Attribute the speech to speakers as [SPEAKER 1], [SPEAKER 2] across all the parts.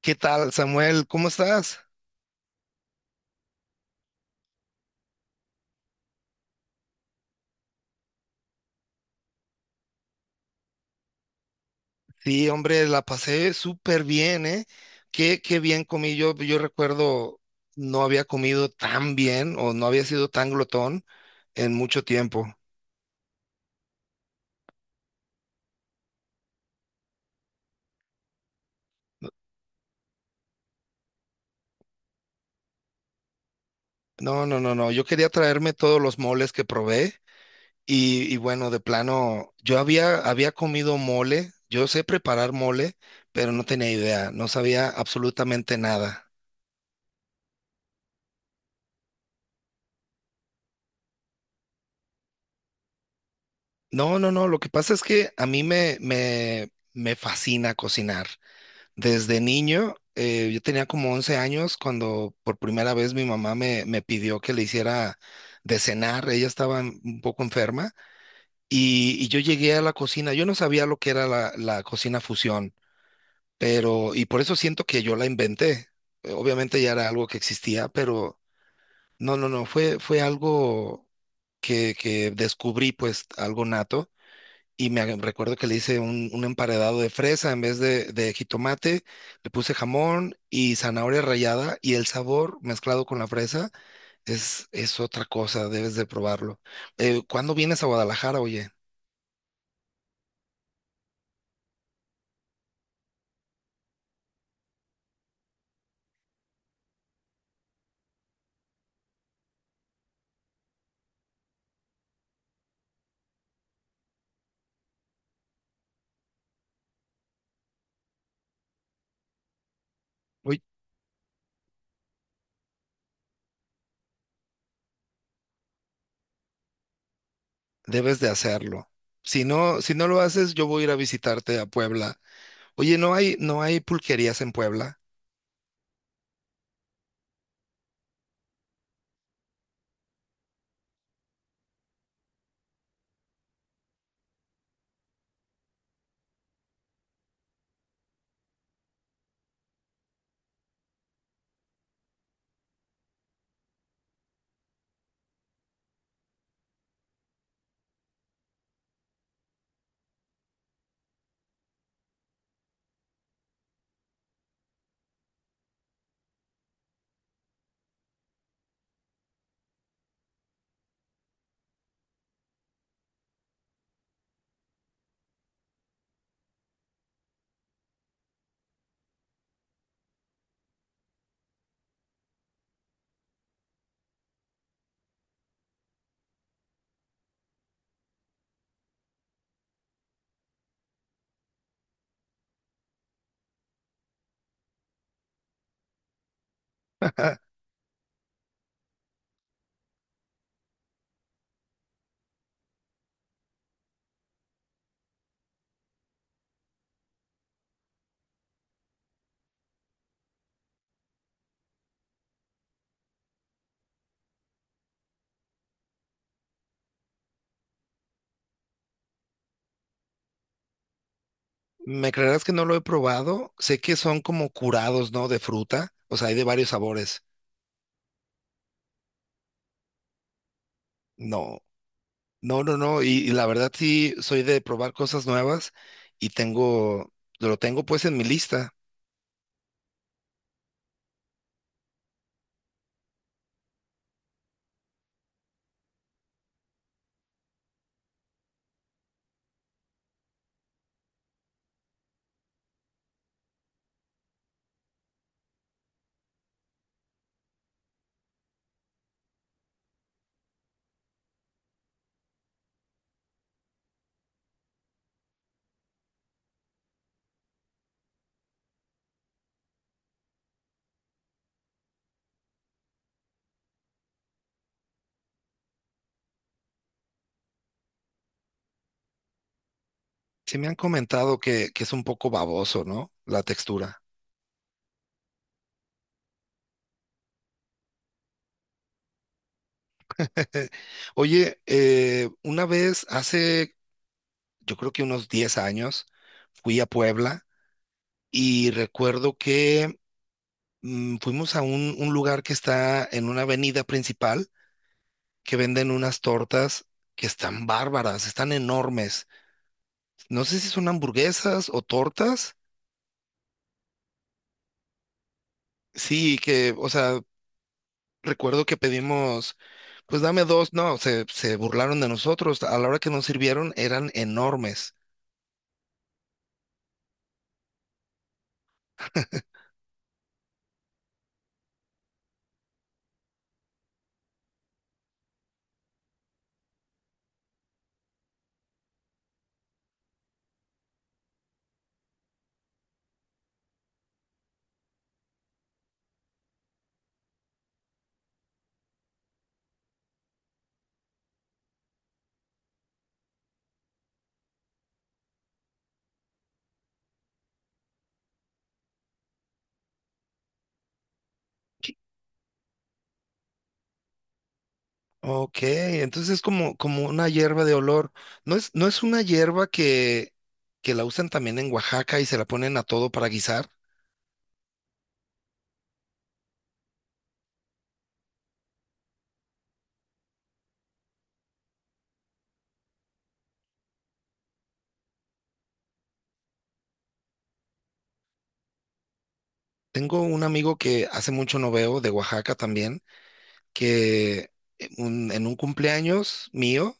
[SPEAKER 1] ¿Qué tal, Samuel? ¿Cómo estás? Sí, hombre, la pasé súper bien, ¿eh? Qué bien comí. Yo recuerdo no había comido tan bien o no había sido tan glotón en mucho tiempo. No, no, no, no. Yo quería traerme todos los moles que probé y bueno, de plano, yo había comido mole. Yo sé preparar mole, pero no tenía idea. No sabía absolutamente nada. No, no, no. Lo que pasa es que a mí me fascina cocinar. Desde niño, yo tenía como 11 años cuando por primera vez mi mamá me pidió que le hiciera de cenar. Ella estaba un poco enferma y yo llegué a la cocina. Yo no sabía lo que era la cocina fusión, pero y por eso siento que yo la inventé. Obviamente ya era algo que existía, pero no, no, no, fue, fue algo que descubrí, pues algo nato. Y recuerdo que le hice un emparedado de fresa en vez de jitomate, le puse jamón y zanahoria rallada y el sabor mezclado con la fresa es otra cosa, debes de probarlo. ¿Cuándo vienes a Guadalajara, oye? Uy, debes de hacerlo. Si no, si no lo haces, yo voy a ir a visitarte a Puebla. Oye, no hay pulquerías en Puebla. ¿Me creerás que no lo he probado? Sé que son como curados, ¿no? De fruta, o sea, hay de varios sabores. No. No, no, no, y la verdad sí soy de probar cosas nuevas y tengo, lo tengo pues en mi lista. Sí me han comentado que, es un poco baboso, ¿no? La textura. Oye, una vez hace, yo creo que unos 10 años, fui a Puebla y recuerdo que fuimos a un lugar que está en una avenida principal que venden unas tortas que están bárbaras, están enormes. No sé si son hamburguesas o tortas. Sí, que, o sea, recuerdo que pedimos, pues dame dos, no, se burlaron de nosotros. A la hora que nos sirvieron eran enormes. Ok, entonces es como, como una hierba de olor. No es una hierba que la usan también en Oaxaca y se la ponen a todo para guisar. Tengo un amigo que hace mucho no veo de Oaxaca también, que en un cumpleaños mío,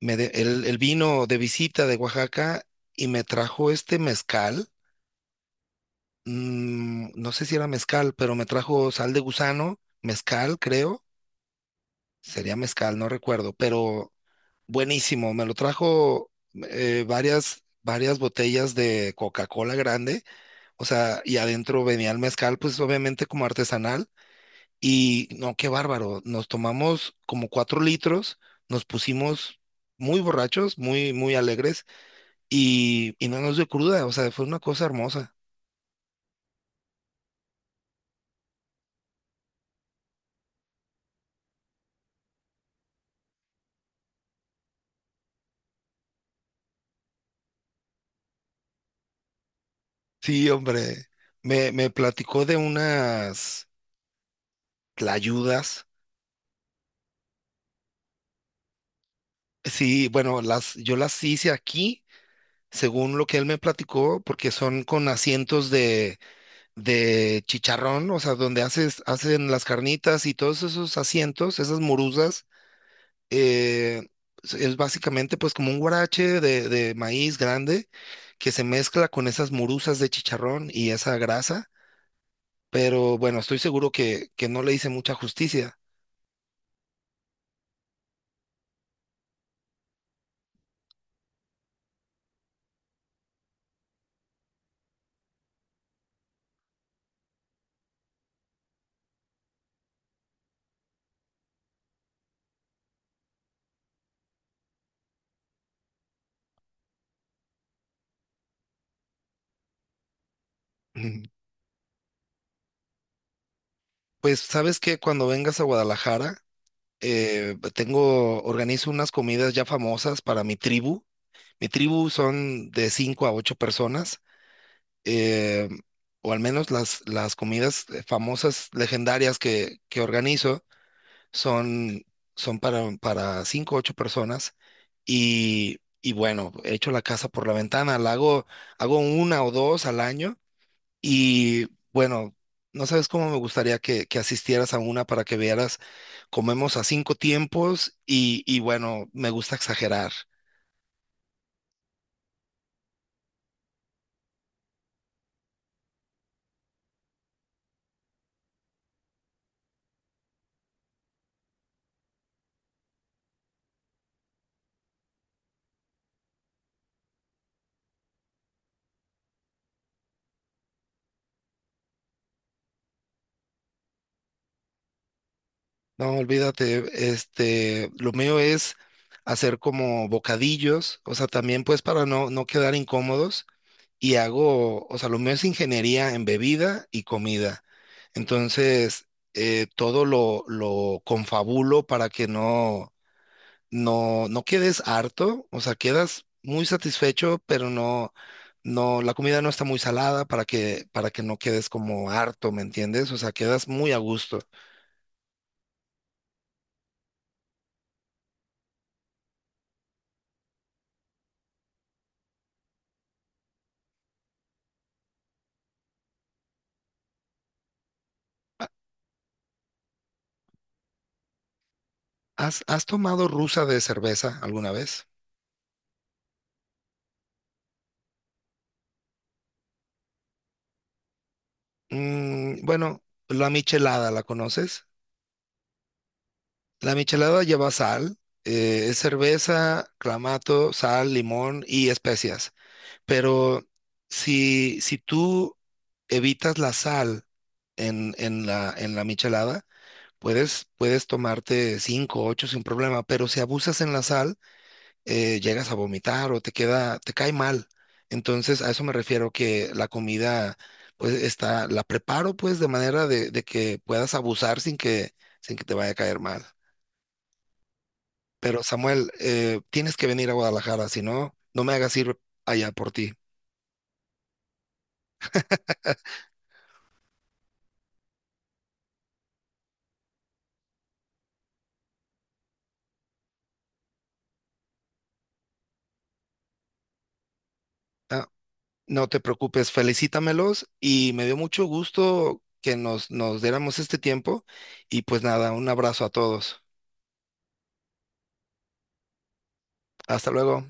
[SPEAKER 1] él vino de visita de Oaxaca y me trajo este mezcal, no sé si era mezcal, pero me trajo sal de gusano, mezcal, creo. Sería mezcal, no recuerdo, pero buenísimo. Me lo trajo varias botellas de Coca-Cola grande, o sea, y adentro venía el mezcal, pues obviamente como artesanal. Y no, qué bárbaro. Nos tomamos como 4 litros, nos pusimos muy borrachos, muy, muy alegres y no nos dio cruda, o sea, fue una cosa hermosa. Sí, hombre, me platicó de unas tlayudas. Sí, bueno, las, yo las hice aquí, según lo que él me platicó, porque son con asientos de chicharrón, o sea, donde haces, hacen las carnitas y todos esos asientos, esas morusas, eh, es básicamente pues como un guarache de maíz grande que se mezcla con esas morusas de chicharrón y esa grasa, pero bueno, estoy seguro que, no le hice mucha justicia. Pues sabes que cuando vengas a Guadalajara, organizo unas comidas ya famosas para mi tribu. Mi tribu son de cinco a ocho personas, eh, o al menos las comidas famosas, legendarias que, organizo son, son para cinco o ocho personas. Y bueno, echo la casa por la ventana, la hago, hago una o dos al año y bueno, no sabes cómo me gustaría que asistieras a una para que vieras, comemos a cinco tiempos y bueno, me gusta exagerar. No, olvídate, este, lo mío es hacer como bocadillos, o sea, también pues para no quedar incómodos y hago, o sea, lo mío es ingeniería en bebida y comida. Entonces, todo lo confabulo para que no quedes harto, o sea, quedas muy satisfecho, pero no, la comida no está muy salada para que no quedes como harto, ¿me entiendes? O sea, quedas muy a gusto. Ha- has tomado rusa de cerveza alguna vez? Bueno, la michelada, ¿la conoces? La michelada lleva sal, es cerveza, clamato, sal, limón y especias. Pero si tú evitas la sal en la michelada, puedes tomarte cinco, ocho sin problema, pero si abusas en la sal, llegas a vomitar o te cae mal. Entonces, a eso me refiero que la comida, pues, está, la preparo, pues, de manera de que puedas abusar sin que, te vaya a caer mal. Pero, Samuel, tienes que venir a Guadalajara, si no, no me hagas ir allá por ti. Ah, no te preocupes, felicítamelos y me dio mucho gusto que nos diéramos este tiempo y pues nada, un abrazo a todos. Hasta luego.